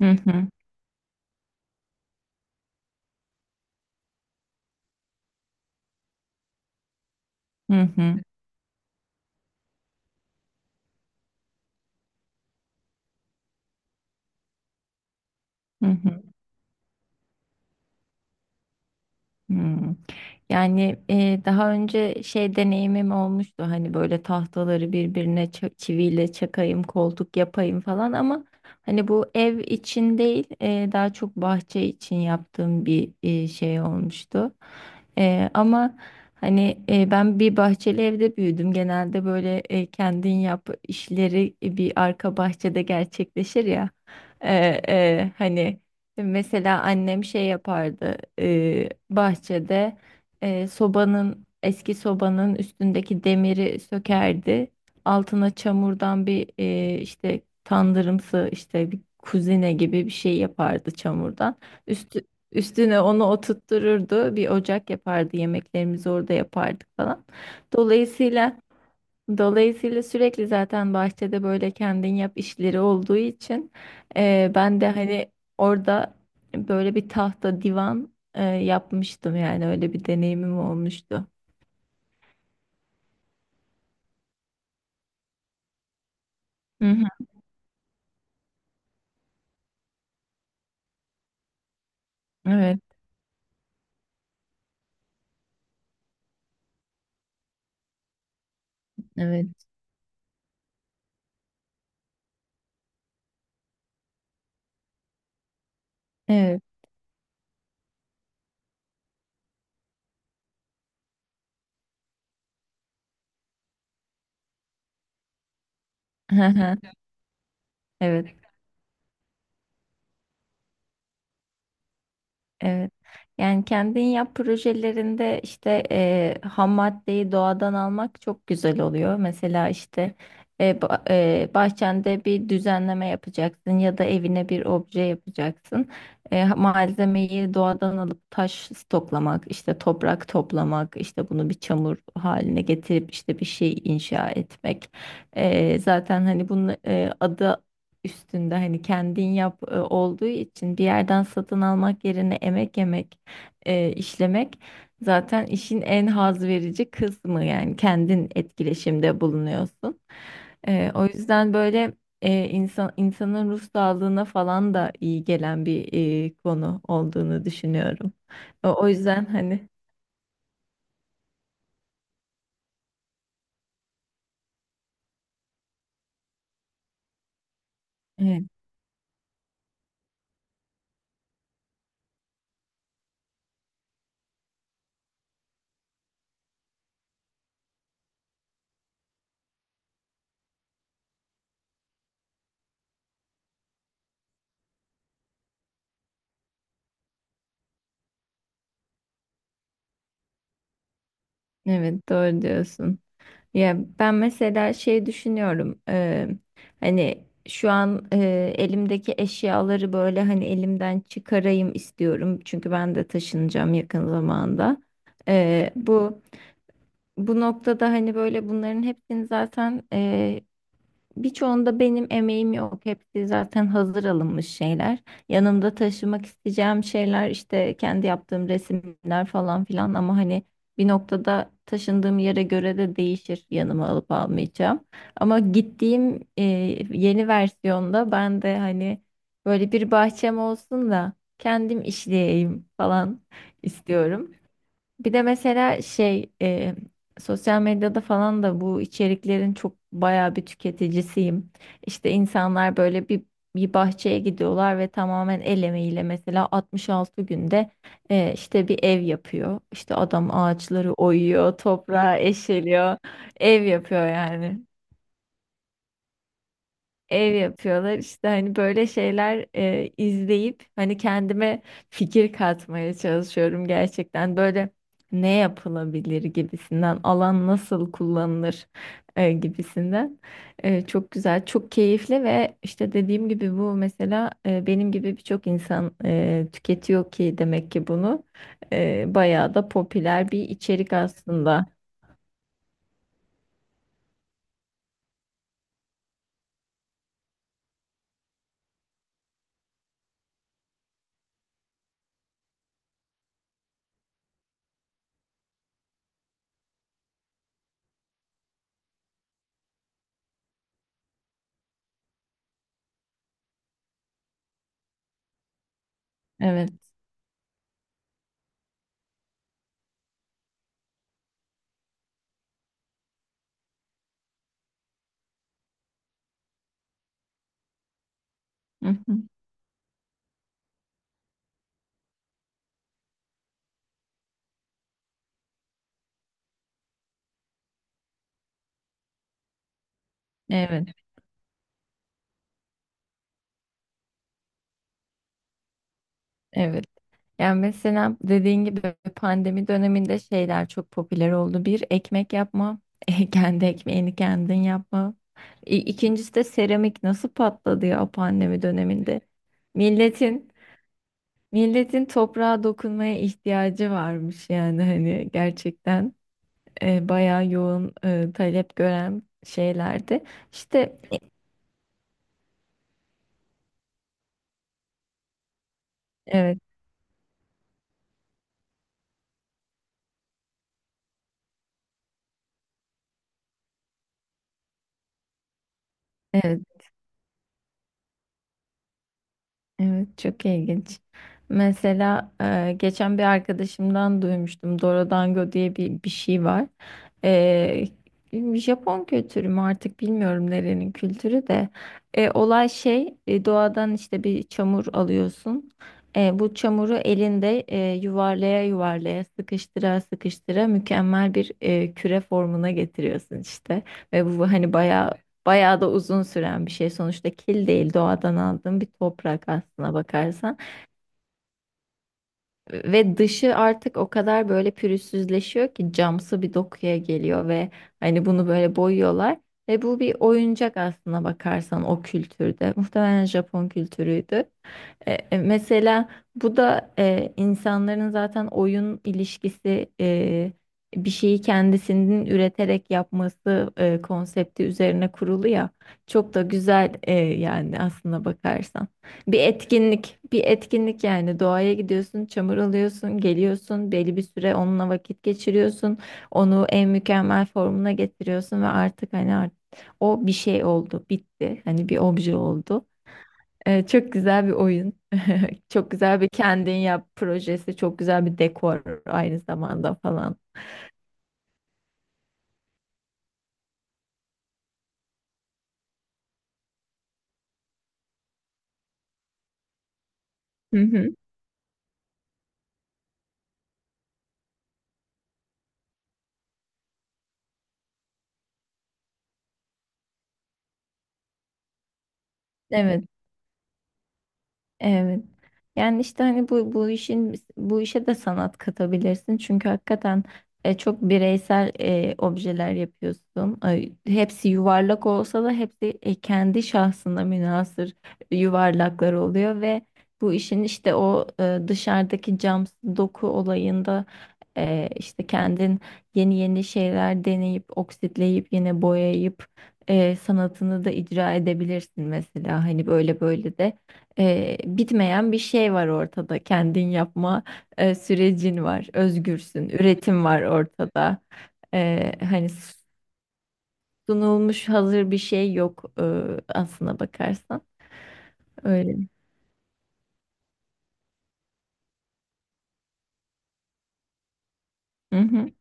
Hı hı, hı hı, hı hı, hı. Yani daha önce şey deneyimim olmuştu hani böyle tahtaları birbirine çiviyle çakayım, koltuk yapayım falan ama hani bu ev için değil, daha çok bahçe için yaptığım bir şey olmuştu. Ama hani, ben bir bahçeli evde büyüdüm. Genelde böyle, kendin yap işleri bir arka bahçede gerçekleşir ya. E, Hani mesela annem şey yapardı bahçede sobanın eski sobanın üstündeki demiri sökerdi. Altına çamurdan bir işte tandırımsı işte bir kuzine gibi bir şey yapardı çamurdan. Üstü, Üstüne onu oturttururdu. Bir ocak yapardı. Yemeklerimizi orada yapardık falan. Dolayısıyla Dolayısıyla sürekli zaten bahçede böyle kendin yap işleri olduğu için ben de hani orada böyle bir tahta divan, yapmıştım yani öyle bir deneyimim olmuştu. Hı hı, evet, evet, evet. Evet. Evet. Yani kendin yap projelerinde işte, ham maddeyi doğadan almak çok güzel oluyor. Mesela işte bahçende bir düzenleme yapacaksın ya da evine bir obje yapacaksın. Malzemeyi doğadan alıp taş stoklamak, işte toprak toplamak, işte bunu bir çamur haline getirip işte bir şey inşa etmek. Zaten hani bunun adı üstünde hani kendin yap olduğu için bir yerden satın almak yerine emek yemek işlemek zaten işin en haz verici kısmı yani kendin etkileşimde bulunuyorsun. O yüzden böyle, insanın ruh sağlığına falan da iyi gelen bir konu olduğunu düşünüyorum. O yüzden hani evet, evet doğru diyorsun. Ya ben mesela şey düşünüyorum hani şu an, elimdeki eşyaları böyle hani elimden çıkarayım istiyorum çünkü ben de taşınacağım yakın zamanda. Eee, bu bu noktada hani böyle bunların hepsini zaten birçoğunda benim emeğim yok. Hepsi zaten hazır alınmış şeyler. Yanımda taşımak isteyeceğim şeyler işte kendi yaptığım resimler falan filan ama hani bir noktada taşındığım yere göre de değişir yanıma alıp almayacağım. Ama gittiğim, yeni versiyonda ben de hani böyle bir bahçem olsun da kendim işleyeyim falan istiyorum. Bir de mesela şey, sosyal medyada falan da bu içeriklerin çok bayağı bir tüketicisiyim. İşte insanlar böyle bir bahçeye gidiyorlar ve tamamen el emeğiyle mesela 66 günde işte bir ev yapıyor. İşte adam ağaçları oyuyor, toprağı eşeliyor, ev yapıyor yani ev yapıyorlar. İşte hani böyle şeyler, izleyip hani kendime fikir katmaya çalışıyorum gerçekten. Böyle ne yapılabilir gibisinden, alan nasıl kullanılır gibisinden. Çok güzel, çok keyifli ve işte dediğim gibi bu mesela, benim gibi birçok insan tüketiyor ki demek ki bunu. Bayağı da popüler bir içerik aslında. Evet. Hı hı. Evet. Evet. Yani mesela dediğin gibi pandemi döneminde şeyler çok popüler oldu. Bir, ekmek yapma. Kendi ekmeğini kendin yapma. İkincisi de seramik nasıl patladı ya pandemi döneminde. Milletin milletin toprağa dokunmaya ihtiyacı varmış yani hani gerçekten bayağı yoğun talep gören şeylerdi. İşte e, evet. Evet. Evet, çok ilginç. Mesela geçen bir arkadaşımdan duymuştum. Dorodango diye bir şey var. E, Japon kültürü mü artık bilmiyorum nerenin kültürü de. Olay şey, doğadan işte bir çamur alıyorsun. Bu çamuru elinde, yuvarlaya yuvarlaya sıkıştıra sıkıştıra mükemmel bir küre formuna getiriyorsun işte. Ve bu hani bayağı bayağı da uzun süren bir şey. Sonuçta kil değil, doğadan aldığım bir toprak aslına bakarsan. Ve dışı artık o kadar böyle pürüzsüzleşiyor ki camsı bir dokuya geliyor ve hani bunu böyle boyuyorlar. Ve bu bir oyuncak aslına bakarsan o kültürde. Muhtemelen Japon kültürüydü. Mesela bu da insanların zaten oyun ilişkisi, bir şeyi kendisinin üreterek yapması, konsepti üzerine kurulu ya çok da güzel, yani aslına bakarsan bir etkinlik yani doğaya gidiyorsun çamur alıyorsun geliyorsun belli bir süre onunla vakit geçiriyorsun onu en mükemmel formuna getiriyorsun ve artık hani o bir şey oldu bitti hani bir obje oldu. Çok güzel bir oyun. Çok güzel bir kendin yap projesi. Çok güzel bir dekor aynı zamanda falan. Hı hı. Evet. Evet. Yani işte hani bu işe de sanat katabilirsin. Çünkü hakikaten çok bireysel objeler yapıyorsun. Ay, hepsi yuvarlak olsa da hepsi kendi şahsına münhasır yuvarlaklar oluyor ve bu işin işte o dışarıdaki cam doku olayında, işte kendin yeni şeyler deneyip oksitleyip yine boyayıp, sanatını da icra edebilirsin mesela hani böyle de bitmeyen bir şey var ortada. Kendin yapma sürecin var. Özgürsün. Üretim var ortada. Hani sunulmuş hazır bir şey yok aslına bakarsan. Öyle. Hı hı.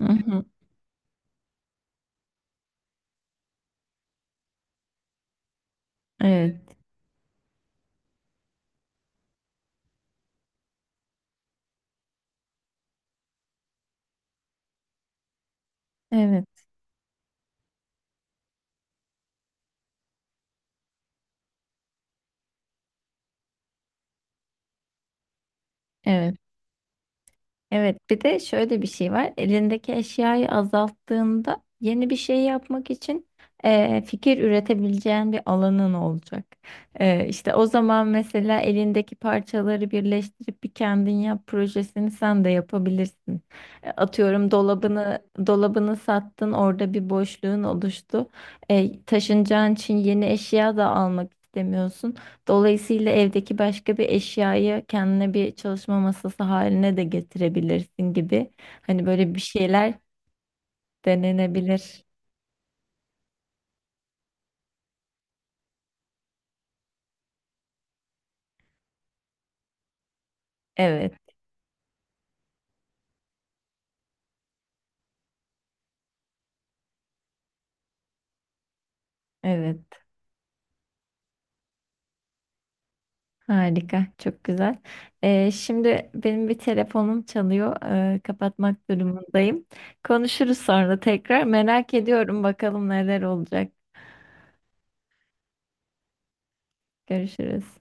Hı hı. Evet. Evet. Evet. Evet, bir de şöyle bir şey var. Elindeki eşyayı azalttığında yeni bir şey yapmak için fikir üretebileceğin bir alanın olacak. İşte o zaman mesela elindeki parçaları birleştirip bir kendin yap projesini sen de yapabilirsin. Atıyorum dolabını sattın, orada bir boşluğun oluştu. Taşınacağın için yeni eşya da almak istemiyorsun. Dolayısıyla evdeki başka bir eşyayı kendine bir çalışma masası haline de getirebilirsin gibi. Hani böyle bir şeyler denenebilir. Evet, evet. Harika, çok güzel. Şimdi benim bir telefonum çalıyor. Kapatmak durumundayım. Konuşuruz sonra tekrar. Merak ediyorum bakalım neler olacak. Görüşürüz.